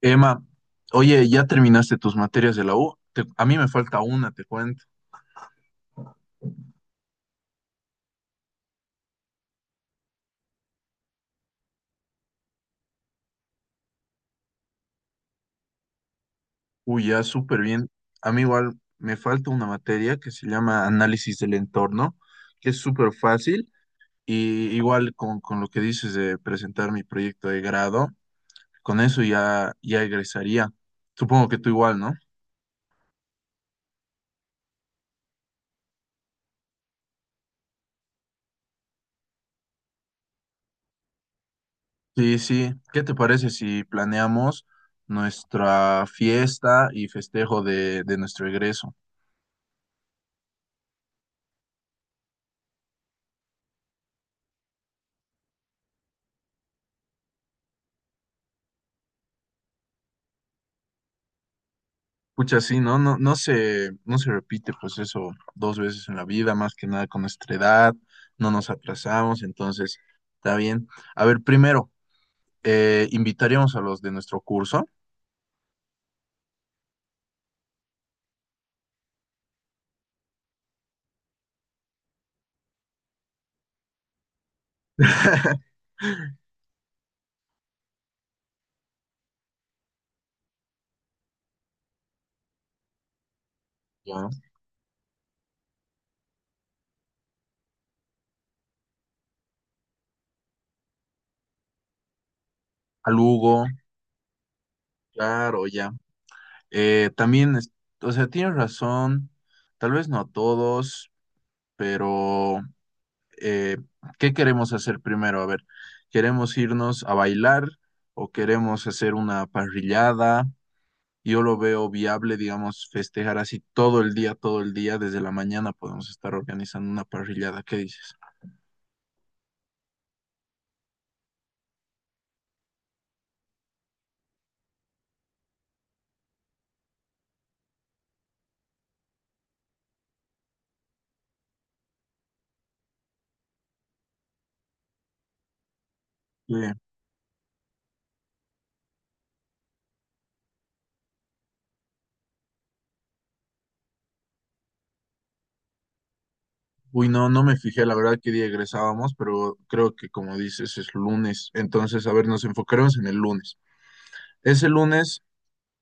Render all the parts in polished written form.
Emma, oye, ¿ya terminaste tus materias de la U? A mí me falta una, te cuento. Uy, ya, súper bien. A mí igual me falta una materia que se llama análisis del entorno, que es súper fácil. Y igual con lo que dices de presentar mi proyecto de grado, con eso ya, ya egresaría. Supongo que tú igual, ¿no? Sí, sí. ¿Qué te parece si planeamos nuestra fiesta y festejo de nuestro egreso? Pucha, sí, ¿no? No, no se repite pues eso dos veces en la vida, más que nada con nuestra edad, no nos aplazamos, entonces está bien. A ver, primero, invitaríamos a los de nuestro curso, ya, a Lugo, claro, ya. También, o sea, tienes razón, tal vez no a todos, pero eh, ¿qué queremos hacer primero? A ver, ¿queremos irnos a bailar o queremos hacer una parrillada? Yo lo veo viable, digamos, festejar así todo el día, desde la mañana podemos estar organizando una parrillada, ¿qué dices? Eh, uy, no, no me fijé, la verdad, qué día egresábamos, pero creo que como dices, es lunes, entonces, a ver, nos enfocaremos en el lunes. Ese lunes,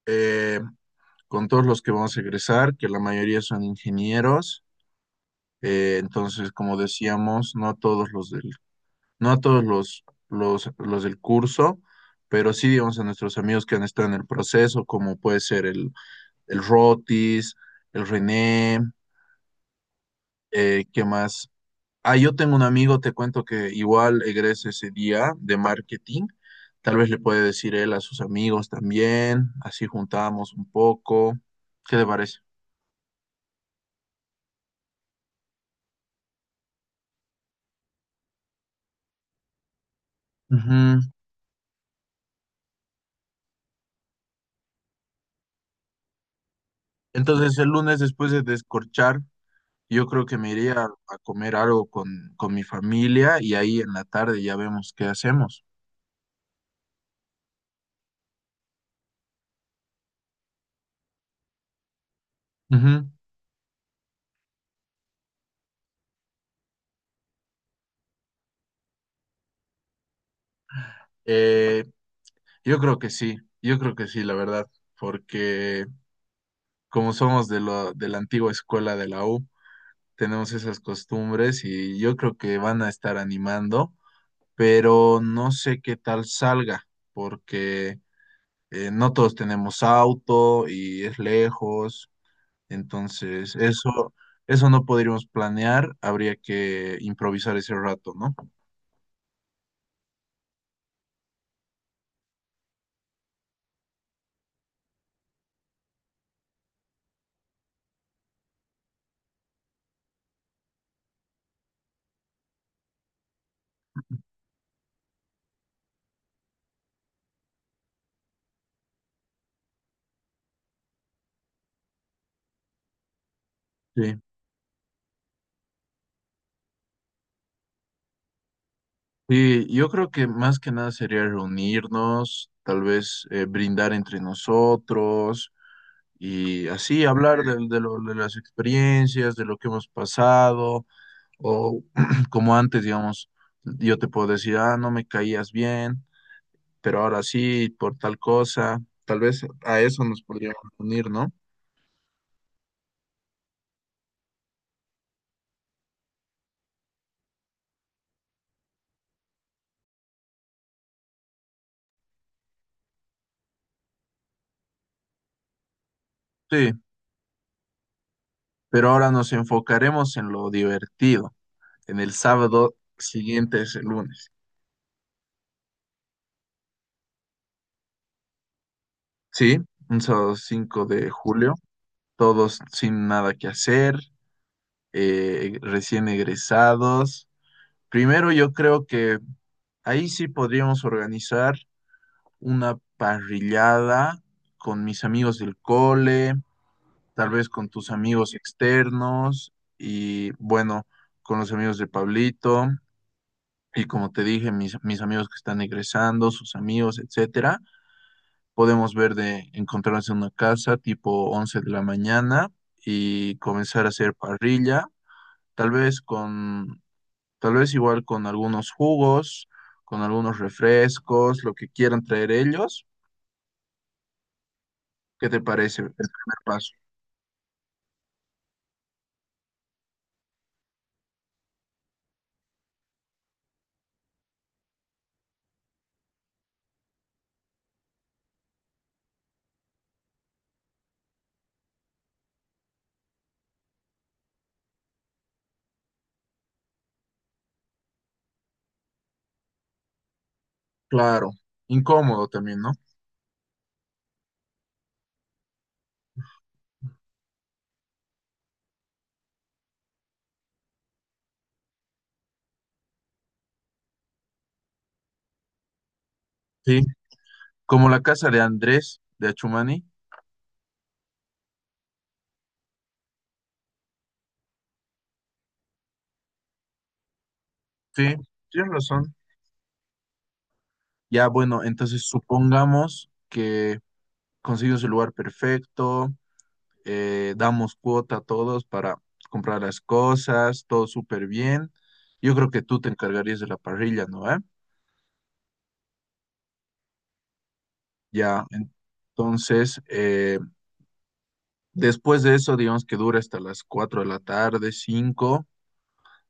eh, con todos los que vamos a egresar, que la mayoría son ingenieros, entonces, como decíamos, no a todos los del curso, pero sí, digamos, a nuestros amigos que han estado en el proceso, como puede ser el Rotis, el René, ¿qué más? Ah, yo tengo un amigo, te cuento que igual egresa ese día de marketing. Tal vez le puede decir él a sus amigos también, así juntamos un poco. ¿Qué te parece? Ujú. Entonces, el lunes después de descorchar yo creo que me iría a comer algo con mi familia y ahí en la tarde ya vemos qué hacemos. Ujú. Eh, yo creo que sí, yo creo que sí, la verdad, porque como somos de la antigua escuela de la U, tenemos esas costumbres y yo creo que van a estar animando, pero no sé qué tal salga, porque no todos tenemos auto y es lejos. Entonces, eso no podríamos planear, habría que improvisar ese rato, ¿no? Sí. Sí, yo creo que más que nada sería reunirnos, tal vez brindar entre nosotros y así hablar de las experiencias, de lo que hemos pasado, o como antes, digamos, yo te puedo decir, ah, no me caías bien, pero ahora sí, por tal cosa, tal vez a eso nos podríamos unir, ¿no? Sí, pero ahora nos enfocaremos en lo divertido, en el sábado siguiente es el lunes. Sí, un sábado 5 de julio, todos sin nada que hacer, recién egresados. Primero yo creo que ahí sí podríamos organizar una parrillada con mis amigos del cole, tal vez con tus amigos externos y bueno, con los amigos de Pablito, y como te dije, mis amigos que están egresando, sus amigos, etcétera, podemos ver de encontrarnos en una casa tipo 11 de la mañana y comenzar a hacer parrilla, tal vez con, tal vez igual con algunos jugos, con algunos refrescos, lo que quieran traer ellos. ¿Qué te parece el primer paso? Claro, incómodo también, ¿no? Sí, como la casa de Andrés de Achumani. Sí, tienes razón. Ya, bueno, entonces supongamos que consigo su lugar perfecto, damos cuota a todos para comprar las cosas, todo súper bien. Yo creo que tú te encargarías de la parrilla, ¿no? ¿Eh? Ya, entonces, después de eso, digamos que dura hasta las 4 de la tarde, cinco.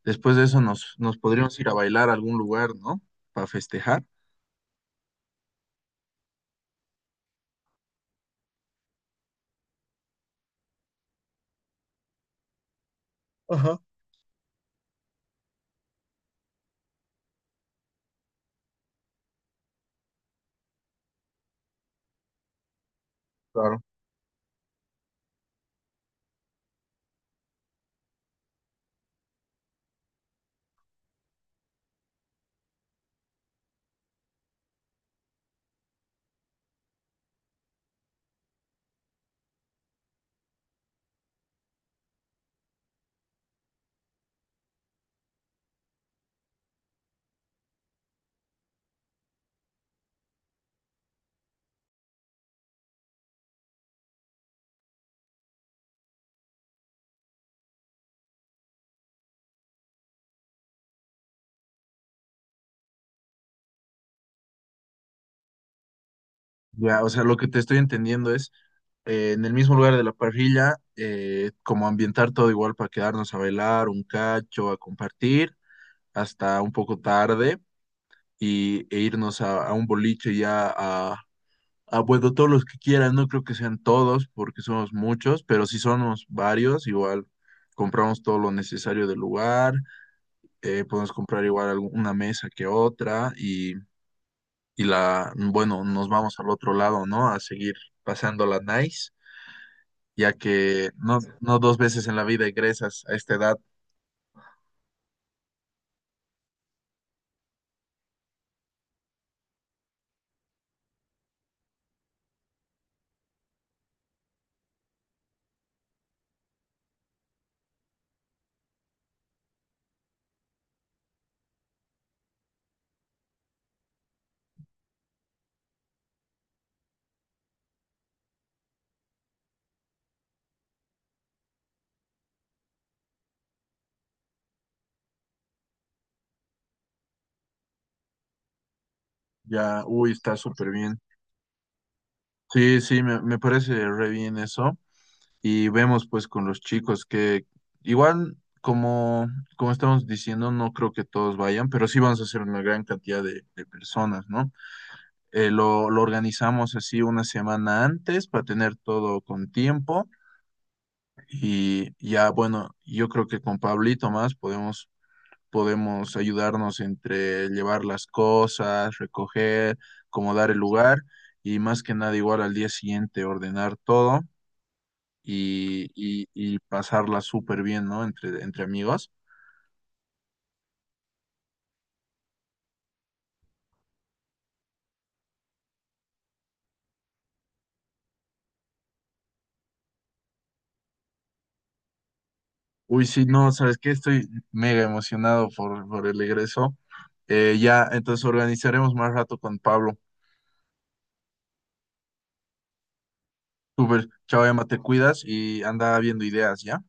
Después de eso nos podríamos ir a bailar a algún lugar, ¿no? Para festejar. Ajá. Claro. Ya, o sea, lo que te estoy entendiendo es en el mismo lugar de la parrilla, como ambientar todo igual para quedarnos a bailar un cacho, a compartir hasta un poco tarde y, e irnos a un boliche ya bueno, todos los que quieran, no creo que sean todos porque somos muchos, pero si somos varios, igual compramos todo lo necesario del lugar, podemos comprar igual una mesa que otra y la, bueno, nos vamos al otro lado, ¿no? A seguir pasando la nice. Ya que no, no dos veces en la vida egresas a esta edad, ya, uy, está súper bien. Sí, sí, me parece re bien eso. Y vemos pues con los chicos que igual, como, como estamos diciendo, no creo que todos vayan, pero sí vamos a hacer una gran cantidad de personas, ¿no? Lo organizamos así una semana antes para tener todo con tiempo. Y ya, bueno, yo creo que con Pablito más podemos ayudarnos entre llevar las cosas, recoger, acomodar el lugar y más que nada igual al día siguiente ordenar todo y pasarla súper bien, ¿no? Entre, entre amigos. Uy, sí, no, ¿sabes qué? Estoy mega emocionado por el regreso. Ya, entonces organizaremos más rato con Pablo. Súper, chao, Emma, te cuidas y anda viendo ideas, ¿ya?